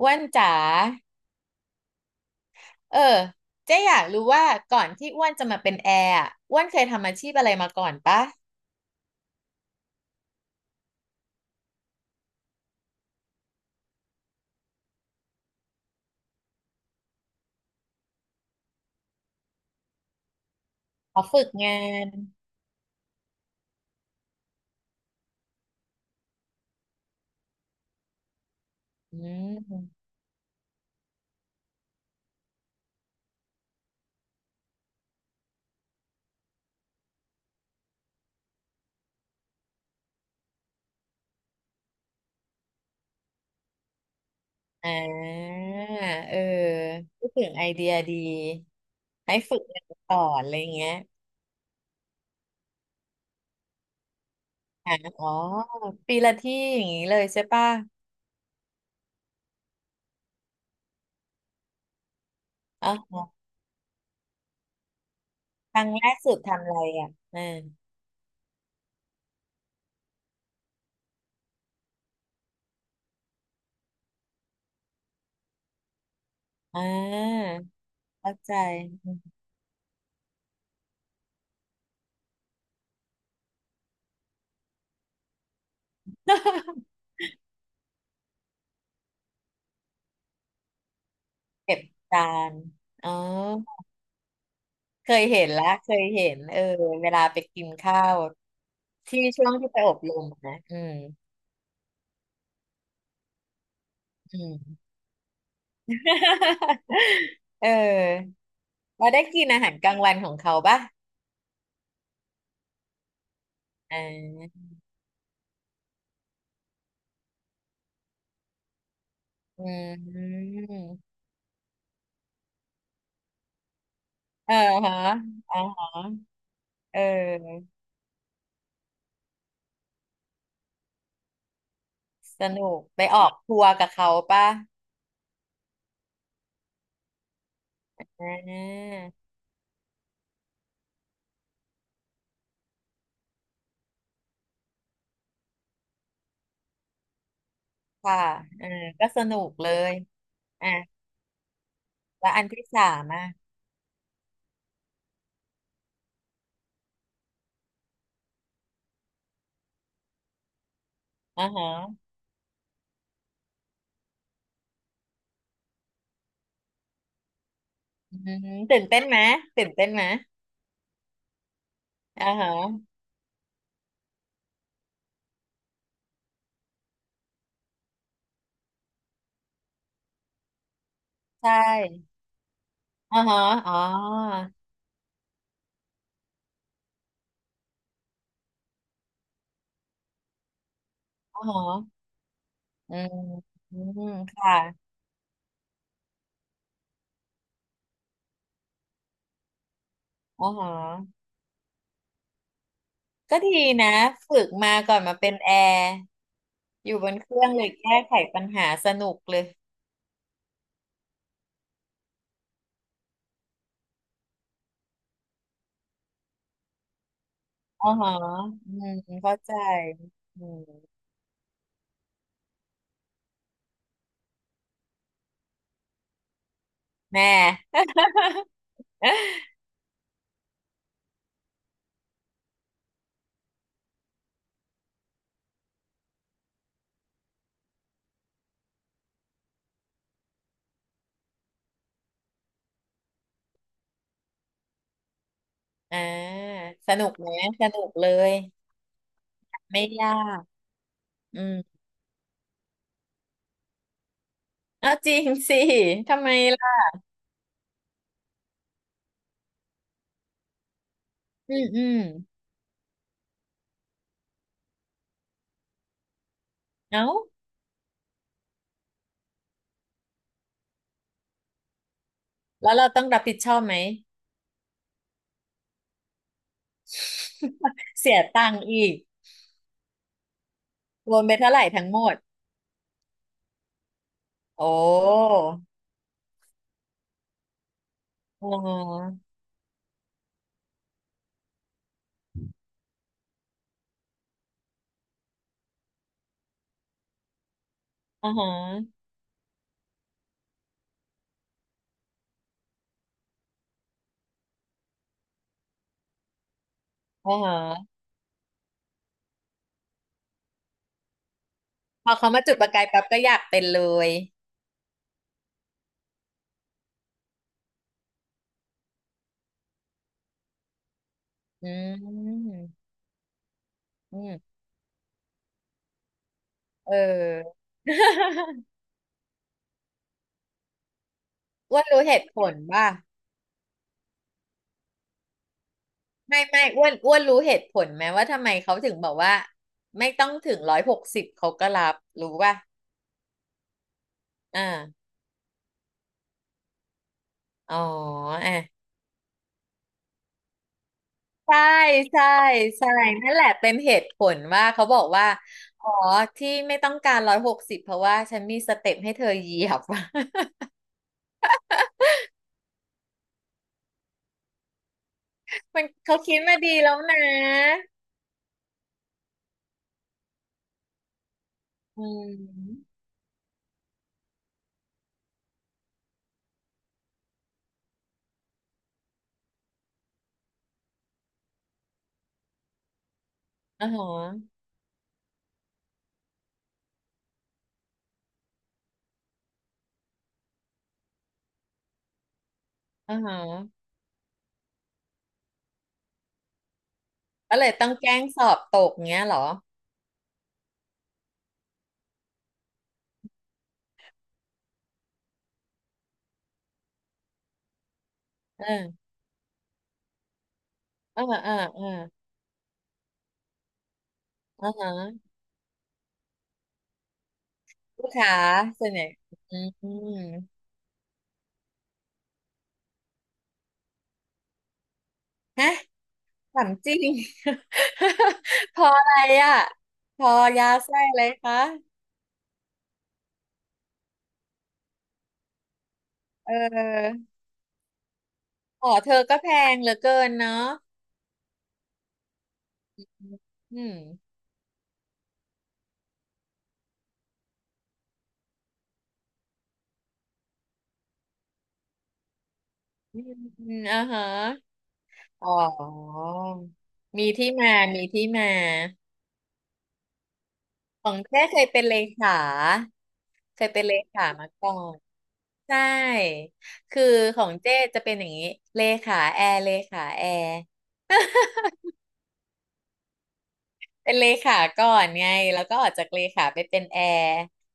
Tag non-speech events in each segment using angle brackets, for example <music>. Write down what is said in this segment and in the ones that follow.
อ้วนจ๋าเออเจ๊อยากรู้ว่าก่อนที่อ้วนจะมาเป็นแอร์อะอ้วนเคยทำอาชีพอะไรมาก่อนปะอ๋อฝึกงานอืมอ่าเออพูดถึงไอเดียดีให้ฝึกงานก่อนอะไรเงี้ยอ่าอ๋อปีละที่อย่างนี้เลยใช่ปะอ๋อครั้งแรกสุดทำอะไรอ่ะอืมอ่าเข้าใจ <laughs> เก็บจานอ๋อ เคยเห็นละเคยเห็นเออเวลาไปกินข้าวที่ช่วงที่ไปอบรมนะอืมอืม <laughs> เออเราได้กินอาหารกลางวันของเขาป่ะอ่าอืมเออฮะอ่าฮะเออสนุกไปออกทัวร์กับเขาป่ะอ่าค่ะเออก็สนุกเลยอ่ะแล้วอันที่สามอ่ะอ่าฮะอืมตื่นเต้นไหมตื่นเต้นไหมอ่าฮะใช่ อ๋อฮะอ๋ออ๋อฮะอืมอืม ค่ะอ๋อฮะก็ดีนะฝึกมาก่อนมาเป็นแอร์อยู่บนเครื่องเลยแก้ไขปัญหาสนุกเลยอ๋อฮะอืมเข้าใจอืมแม่ <laughs> อ่าสนุกไหมสนุกเลยไม่ยาก อืมเอ้าจริงสิทำไมล่ะอืมอืมเอ้าแล้วเราต้องรับผิดชอบไหม <laughs> เสียตังค์อีกรวมไปเท่าไหร่ทั้งหมด โอ้อ๋ออ๋อฮะอ๋อฮะพอเขามาจุดประกายปั๊บก็อยากเป็นเลยอืมอืมเออ <laughs> อ้วนรู้เหตุผลว่าไม่อ้วนรู้เหตุผลไหมว่าทำไมเขาถึงบอกว่าไม่ต้องถึงร้อยหกสิบเขาก็รับรู้ป่ะอ่าอ๋ออ่ะใช่ใช่ใช่นั่นแหละเป็นเหตุผลว่าเขาบอกว่าอ๋อที่ไม่ต้องการร้อยหกสิบเพราะว่าฉันมีสเต็ปให้เธอเหยียบ <laughs> มันเขาคิดมาดีแล้วนะอืมอ่าฮะอ่าฮะก็เลยต้องแกล้งสอบตกเงี้ยเหรอเออเออเออเอออ่าฮะลูกค้าส่วนใหญ่อืมฮะถามจริง <laughs> พออะไรอ่ะพอยาไส้อะไรคะเอออ๋อเธอก็แพงเหลือเกินเนาะอืมอืมอืมอ่าฮะอ๋อมีที่มา มีที่มา ของแท้เคยเป็นเลขาเคยเป็นเลขามาก่อนใช่คือของเจ้จะเป็นอย่างนี้เลขาแอร์เลขาแอร์เป็นเลขาก่อนไงแล้วก็ออกจากเลขาไปเป็นแอร์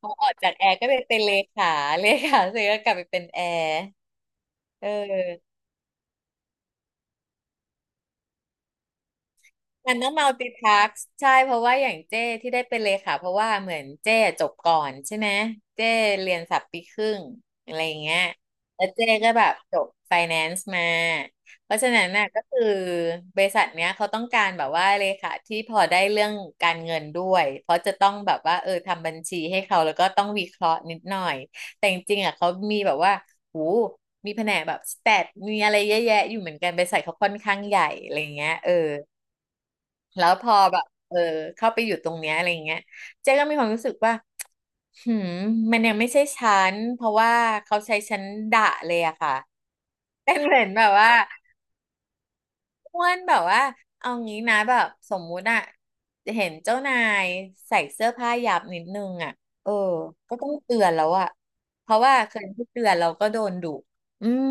พอออกจากแอร์ก็ไปเป็นเลขาเลขาเสร็จก็กลับไปเป็นแอร์เออ มันต้อง multitask ใช่เพราะว่าอย่างเจ้ที่ได้เป็นเลขาเพราะว่าเหมือนเจ้จบก่อนใช่ไหมเจ้เรียนสับปีครึ่งอะไรอย่างเงี้ยแล้วเจ้ก็แบบจบ finance มาเพราะฉะนั้นน่ะก็คือบริษัทเนี้ยเขาต้องการแบบว่าเลขาที่พอได้เรื่องการเงินด้วยเพราะจะต้องแบบว่าเออทำบัญชีให้เขาแล้วก็ต้องวิเคราะห์นิดหน่อยแต่จริงๆอ่ะเขามีแบบว่าหูมีแผนกแบบสแตทมีอะไรเยอะแยะอยู่เหมือนกันบริษัทเขาค่อนข้างใหญ่อะไรอย่างเงี้ยเออ แล้วพอแบบเออเข้าไปอยู่ตรงเนี้ยอะไรอย่างเงี้ยเจ๊ก็มีความรู้สึกว่า หืมมันยังไม่ใช่ฉันเพราะว่าเขาใช้ฉันด่าเลยอะค่ะ <laughs> เป็นเหมือนแบบว่า อ้วนแบบว่าเอางี้นะแบบสมมุติอะเห็นเจ้านายใส่เสื้อผ้าหยาบนิดนึงอะเออก็ต้องเตือนแล้วอะเพราะว่าเคยที่เตือนเราก็โดนดุอืม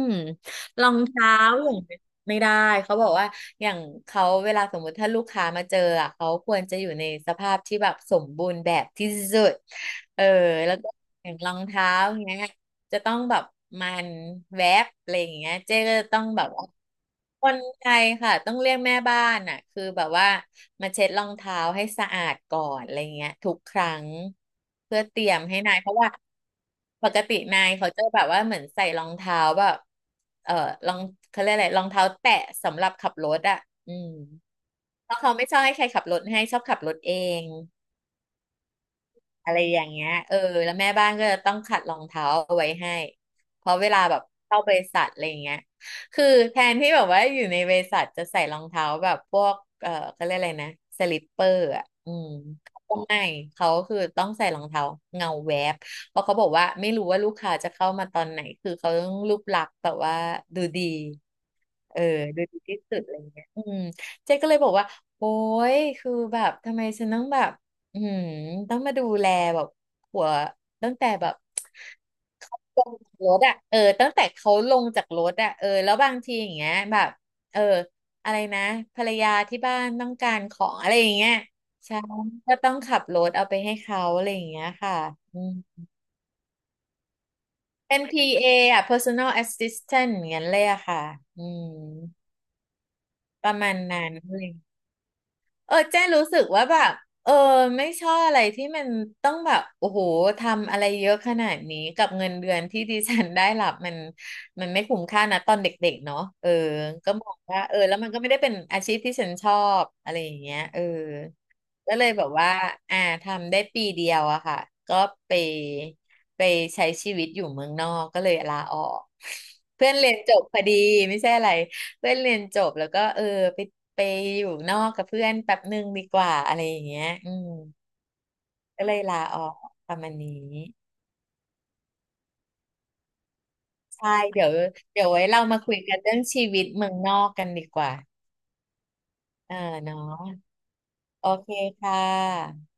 รองเท้าอย่างเงี้ยไม่ได้เขาบอกว่าอย่างเขาเวลาสมมุติถ้าลูกค้ามาเจออะเขาควรจะอยู่ในสภาพที่แบบสมบูรณ์แบบที่สุดเออแล้วก็อย่างรองเท้าอย่างเงี้ย จะต้องแบบมันแวบอะไรอย่างเงี้ยเจ๊ก็จะต้องแบบว่าคนไทยค่ะต้องเรียกแม่บ้านอ่ะคือแบบว่ามาเช็ดรองเท้าให้สะอาดก่อนอะไรเงี้ยทุกครั้งเพื่อเตรียมให้นายเพราะว่าปกตินายเขาจะแบบว่าเหมือนใส่รองเท้าแบบเออรองเขาเรียกอะไรรองเท้าแตะสำหรับขับรถอ่ะอืมเพราะเขาไม่ชอบให้ใครขับรถให้ชอบขับรถเอง อะไรอย่างเงี้ยเออแล้วแม่บ้านก็จะต้องขัดรองเท้าเอาไว้ให้เพราะเวลาแบบเข้าบริษัทอะไรอย่างเงี้ยคือแทนที่แบบว่าอยู่ในบริษัทจะใส่รองเท้าแบบพวกเออเขาเรียกอะไรนะสลิปเปอร์อ่ะอืมเขาก็ไม่เขาคือต้องใส่รองเท้าเงาแวบเพราะเขาบอกว่าไม่รู้ว่าลูกค้าจะเข้ามาตอนไหนคือเขาต้องรูปลักษณ์แบบว่าดูดีเออดูดีที่สุดอะไรเงี้ยอืมเจ๊ก็เลยบอกว่าโอ้ยคือแบบทำไมฉันต้องแบบ อืมต้องมาดูแลแบบหัวตั้งแต่แบบลงจากรถอ่ะเออตั้งแต่เขาลงจากรถอ่ะเออแล้วบางทีอย่างเงี้ยแบบเอออะไรนะภรรยาที่บ้านต้องการของอะไรอย่างเงี้ยใช่ก็ต้องขับรถเอาไปให้เขาอะไรอย่างเงี้ยค่ะอืม NPA อนพีเออ่ะ Personal Assistant อย่างเงี้ยเลยอะค่ะอืมประมาณนั้น เออเจ้รู้สึกว่าแบบเออไม่ชอบอะไรที่มันต้องแบบโอ้โหทำอะไรเยอะขนาดนี้กับเงินเดือนที่ดิฉันได้รับมันไม่คุ้มค่านะตอนเด็กๆเนาะเออก็มองว่าเออแล้วมันก็ไม่ได้เป็นอาชีพที่ฉันชอบอะไรอย่างเงี้ยเออก็เลยแบบว่าอ่าทำได้ปีเดียวอะค่ะก็ไปไปใช้ชีวิตอยู่เมืองนอกก็เลยลาออก <laughs> เพื่อนเรียนจบพอดีไม่ใช่อะไร เพื่อนเรียนจบแล้วก็เออไปไปอยู่นอกกับเพื่อนแป๊บหนึ่งดีกว่าอะไรอย่างเงี้ยอืมก็เลยลาออกประมาณนี้ใช่เดี๋ยวเดี๋ยวไว้เรามาคุยกันเรื่องชีวิตเมืองนอกกันดีกว่าเออเนาะโอเคค่ะ